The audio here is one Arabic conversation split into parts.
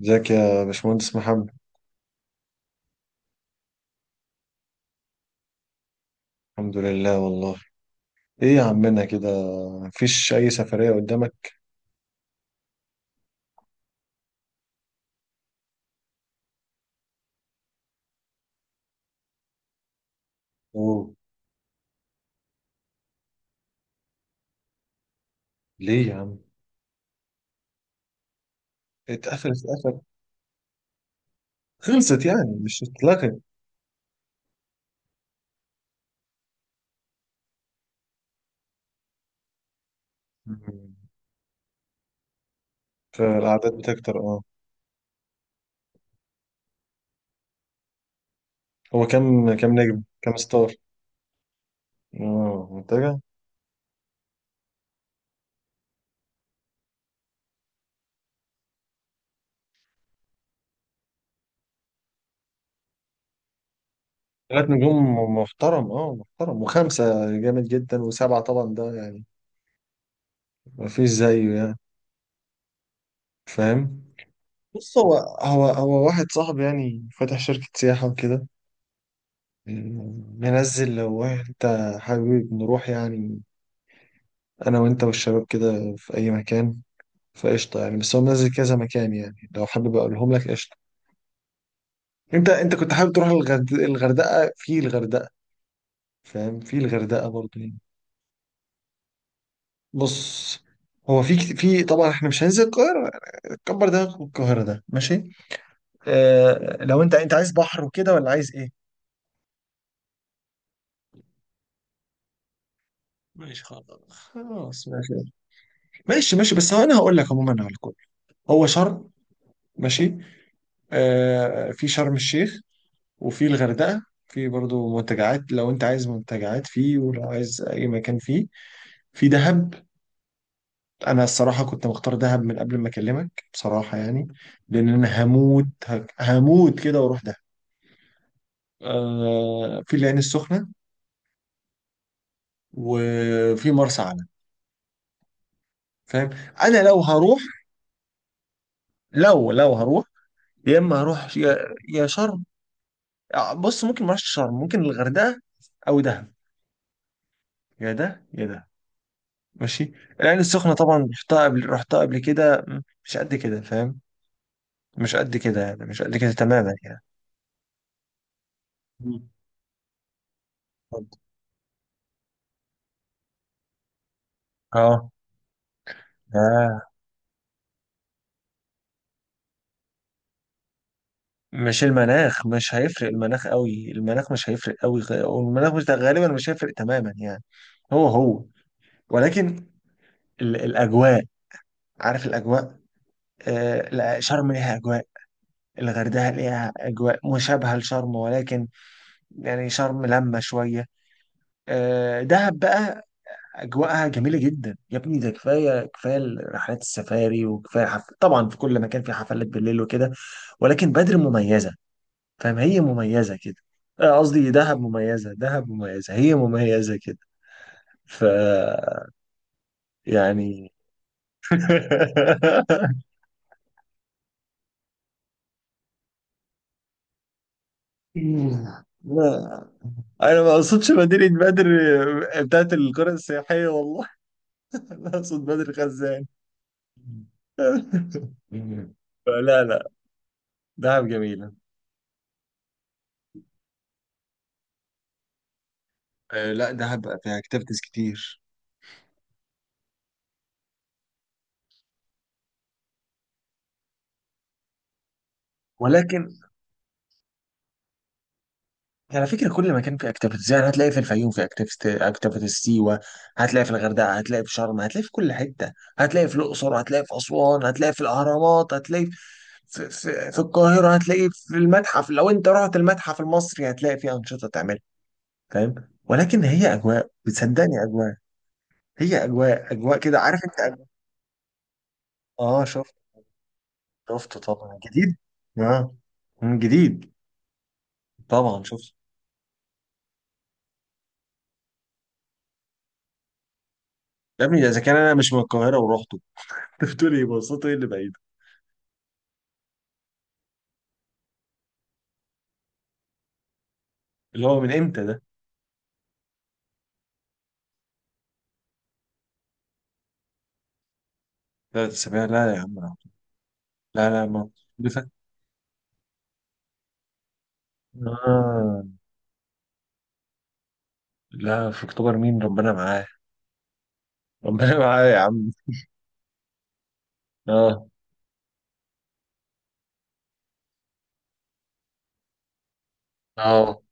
ازيك يا باشمهندس محمد؟ الحمد لله والله. ايه يا عمنا كده؟ مفيش اي سفرية قدامك؟ اوه. ليه يا عم؟ اتقفلت. خلصت يعني مش اتلغت؟ مم. فالأعداد بتكتر، اه. هو كام نجم، كام ستار؟ اه، منتجع. 3 نجوم محترم، اه، محترم، وخمسة جامد جدا، وسبعة طبعا ده يعني مفيش زيه يعني، فاهم؟ بص، هو واحد صاحبي يعني فاتح شركة سياحة وكده، ننزل لو انت حابب نروح يعني، انا وانت والشباب كده في اي مكان. فقشطه يعني، بس هو منزل كذا مكان يعني، لو حابب اقولهم لك قشطه. انت كنت حابب تروح الغردقه، في الغردقه، فاهم؟ في الغردقه برضه يعني. بص، هو في طبعا احنا مش هننزل القاهره، كبر دماغك من القاهره ده، ماشي؟ اه، لو انت عايز بحر وكده، ولا عايز ايه؟ ماشي خلاص، خلاص، ماشي. ماشي ماشي، بس هو انا هقول لك عموما على الكل. هو شرم، ماشي. آه، في شرم الشيخ، وفي الغردقة، في برضو منتجعات، لو انت عايز منتجعات فيه، ولو عايز اي مكان فيه. في دهب، انا الصراحة كنت مختار دهب من قبل ما اكلمك بصراحة يعني، لان انا هموت، هموت كده واروح دهب. آه، في العين السخنة، وفي مرسى علم، فاهم؟ انا لو هروح، لو هروح، يا اما هروح، يا شرم. آه، بص، ممكن ما اروحش شرم، ممكن الغردقة او دهب، يا ده يا ده، ماشي. العين السخنة طبعا رحتها قبل، رحتها قبل كده، مش قد كده، فاهم؟ مش قد كده يعني، مش قد كده تماما يعني. مم. اه اه. مش المناخ، مش هيفرق المناخ قوي، المناخ مش هيفرق قوي، والمناخ مش، غالبا مش هيفرق تماما يعني. هو ولكن الأجواء، عارف الأجواء؟ آه لا، شرم ليها أجواء، الغردقة ليها أجواء مشابهة لشرم، ولكن يعني شرم لما شوية. آه، دهب بقى اجواءها جميله جدا يا ابني، ده كفايه كفايه رحلات السفاري، وكفايه طبعا في كل مكان في حفلات بالليل وكده، ولكن بدر مميزه، فاهم؟ هي مميزه كده. آه، قصدي دهب مميزه، دهب مميزه، هي مميزه كده. ف يعني لا، انا ما اقصدش مدينه بدر. آه، بتاعت القرى السياحيه، والله. انا اقصد بدر خزان. لا لا، دهب جميله. آه لا، دهب بقى فيها اكتيفيتيز كتير، ولكن يعني على فكره كل مكان فيه اكتيفيتيز، يعني هتلاقي في الفيوم، في اكتيفيتيز سيوه، هتلاقي في الغردقه، هتلاقي في شرم، هتلاقي في كل حته، هتلاقي في الاقصر، هتلاقي في اسوان، هتلاقي في الاهرامات، هتلاقي في القاهره، هتلاقي في المتحف، لو انت رحت المتحف المصري هتلاقي فيه انشطه تعملها، فاهم؟ ولكن هي اجواء، بتصدقني؟ اجواء، هي اجواء اجواء كده، عارف انت، أجواء. اه، شفت. شفته طبعا جديد. اه. جديد، طبعا شفت. يا ابني اذا كان انا مش من القاهره ورحته. انت بتقول ايه، بصته، ايه اللي بعيد؟ اللي هو من امتى ده؟ 3 اسابيع؟ لا يا عم. لا لا ما اللي فات. آه لا، في اكتوبر، مين ربنا معاه؟ ربنا معاه يا عم. اه اه،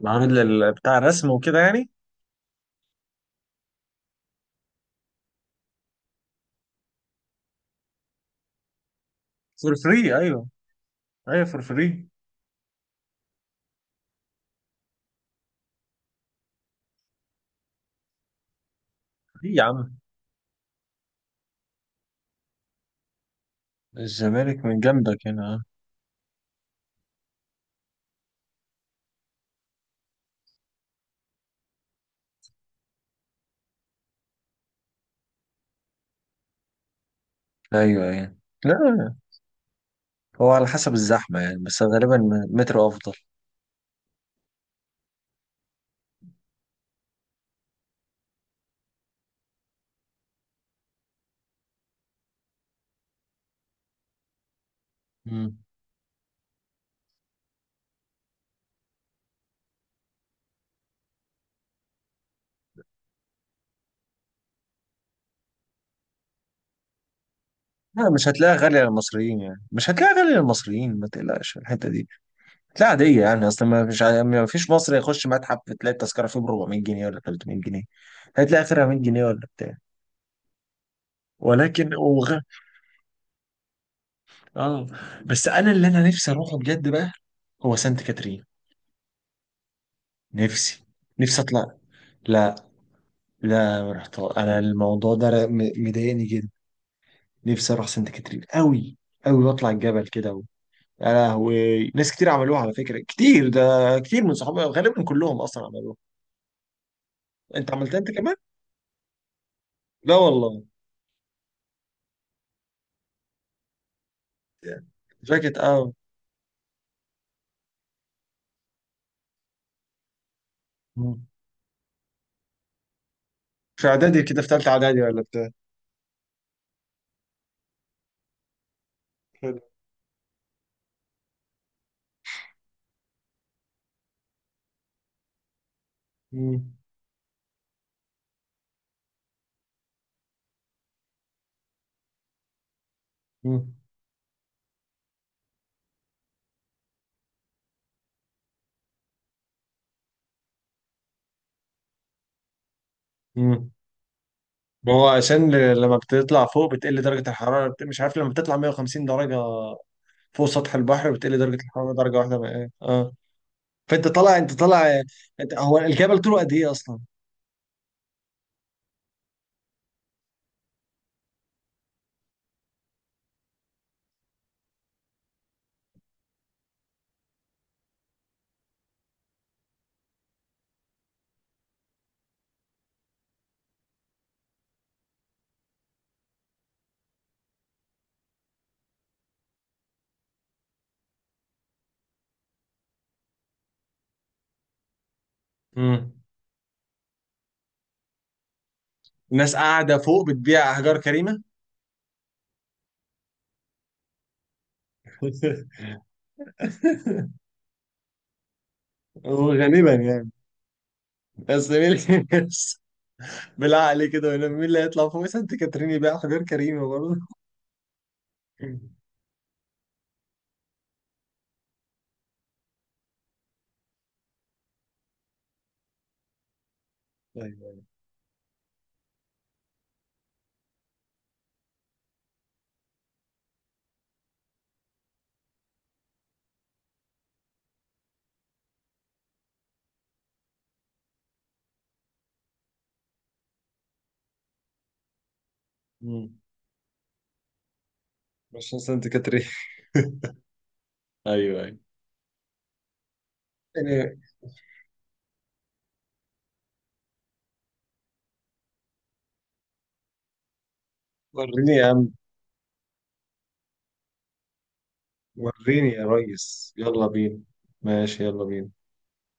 معرض بتاع رسم وكده يعني. فور فري، ايوه. ايوه، فور فري. ايه يا عم، الزمالك من جنبك هنا، آه. ايوه ايوه. لا، هو على حسب الزحمه يعني، بس غالبا مترو افضل. مم. لا، مش هتلاقيها غالية للمصريين يعني، مش هتلاقيها غالية للمصريين، ما تقلقش في الحتة دي. لا، عادية يعني، أصلا ما مش ع- ما فيش مصري يخش متحف تلاقي التذكرة فيه ب 400 جنيه ولا 300 جنيه، هتلاقي آخرها 100 جنيه ولا بتاع. ولكن آه، بس أنا، اللي أنا نفسي أروحه بجد بقى، هو سانت كاترين. نفسي نفسي أطلع. لا لا، ما رحت أنا، الموضوع ده مضايقني جدا. نفسي أروح سانت كاترين أوي، أوي، وأطلع الجبل كده و... يا لهوي، ناس كتير عملوها على فكرة، كتير ده، كتير من صحابي غالبا كلهم أصلا عملوها. أنت عملتها أنت كمان؟ لا والله. جاكيت، اه. مم. في اعدادي كده، في ثالثه اعدادي ولا بتاع. حلو. مم. مم. مم. ما هو عشان لما بتطلع فوق بتقل درجه الحراره، مش عارف، لما بتطلع 150 درجه فوق سطح البحر بتقل درجه الحراره درجه واحده، بقى إيه. اه. فانت طالع، انت طالع. انت، هو الجبل طوله قد ايه اصلا؟ مم. الناس قاعده فوق بتبيع احجار كريمه. هو غالبا يعني، بس مين بس بالعقل كده، مين اللي هيطلع فوق سانت كاترين يبيع حجار كريمه برضه؟ ايوه، عشان سنة كاترين. ايوه ايوه، يعني. وريني يا عم. وريني يا ريس، يلا بينا. ماشي، يلا بينا.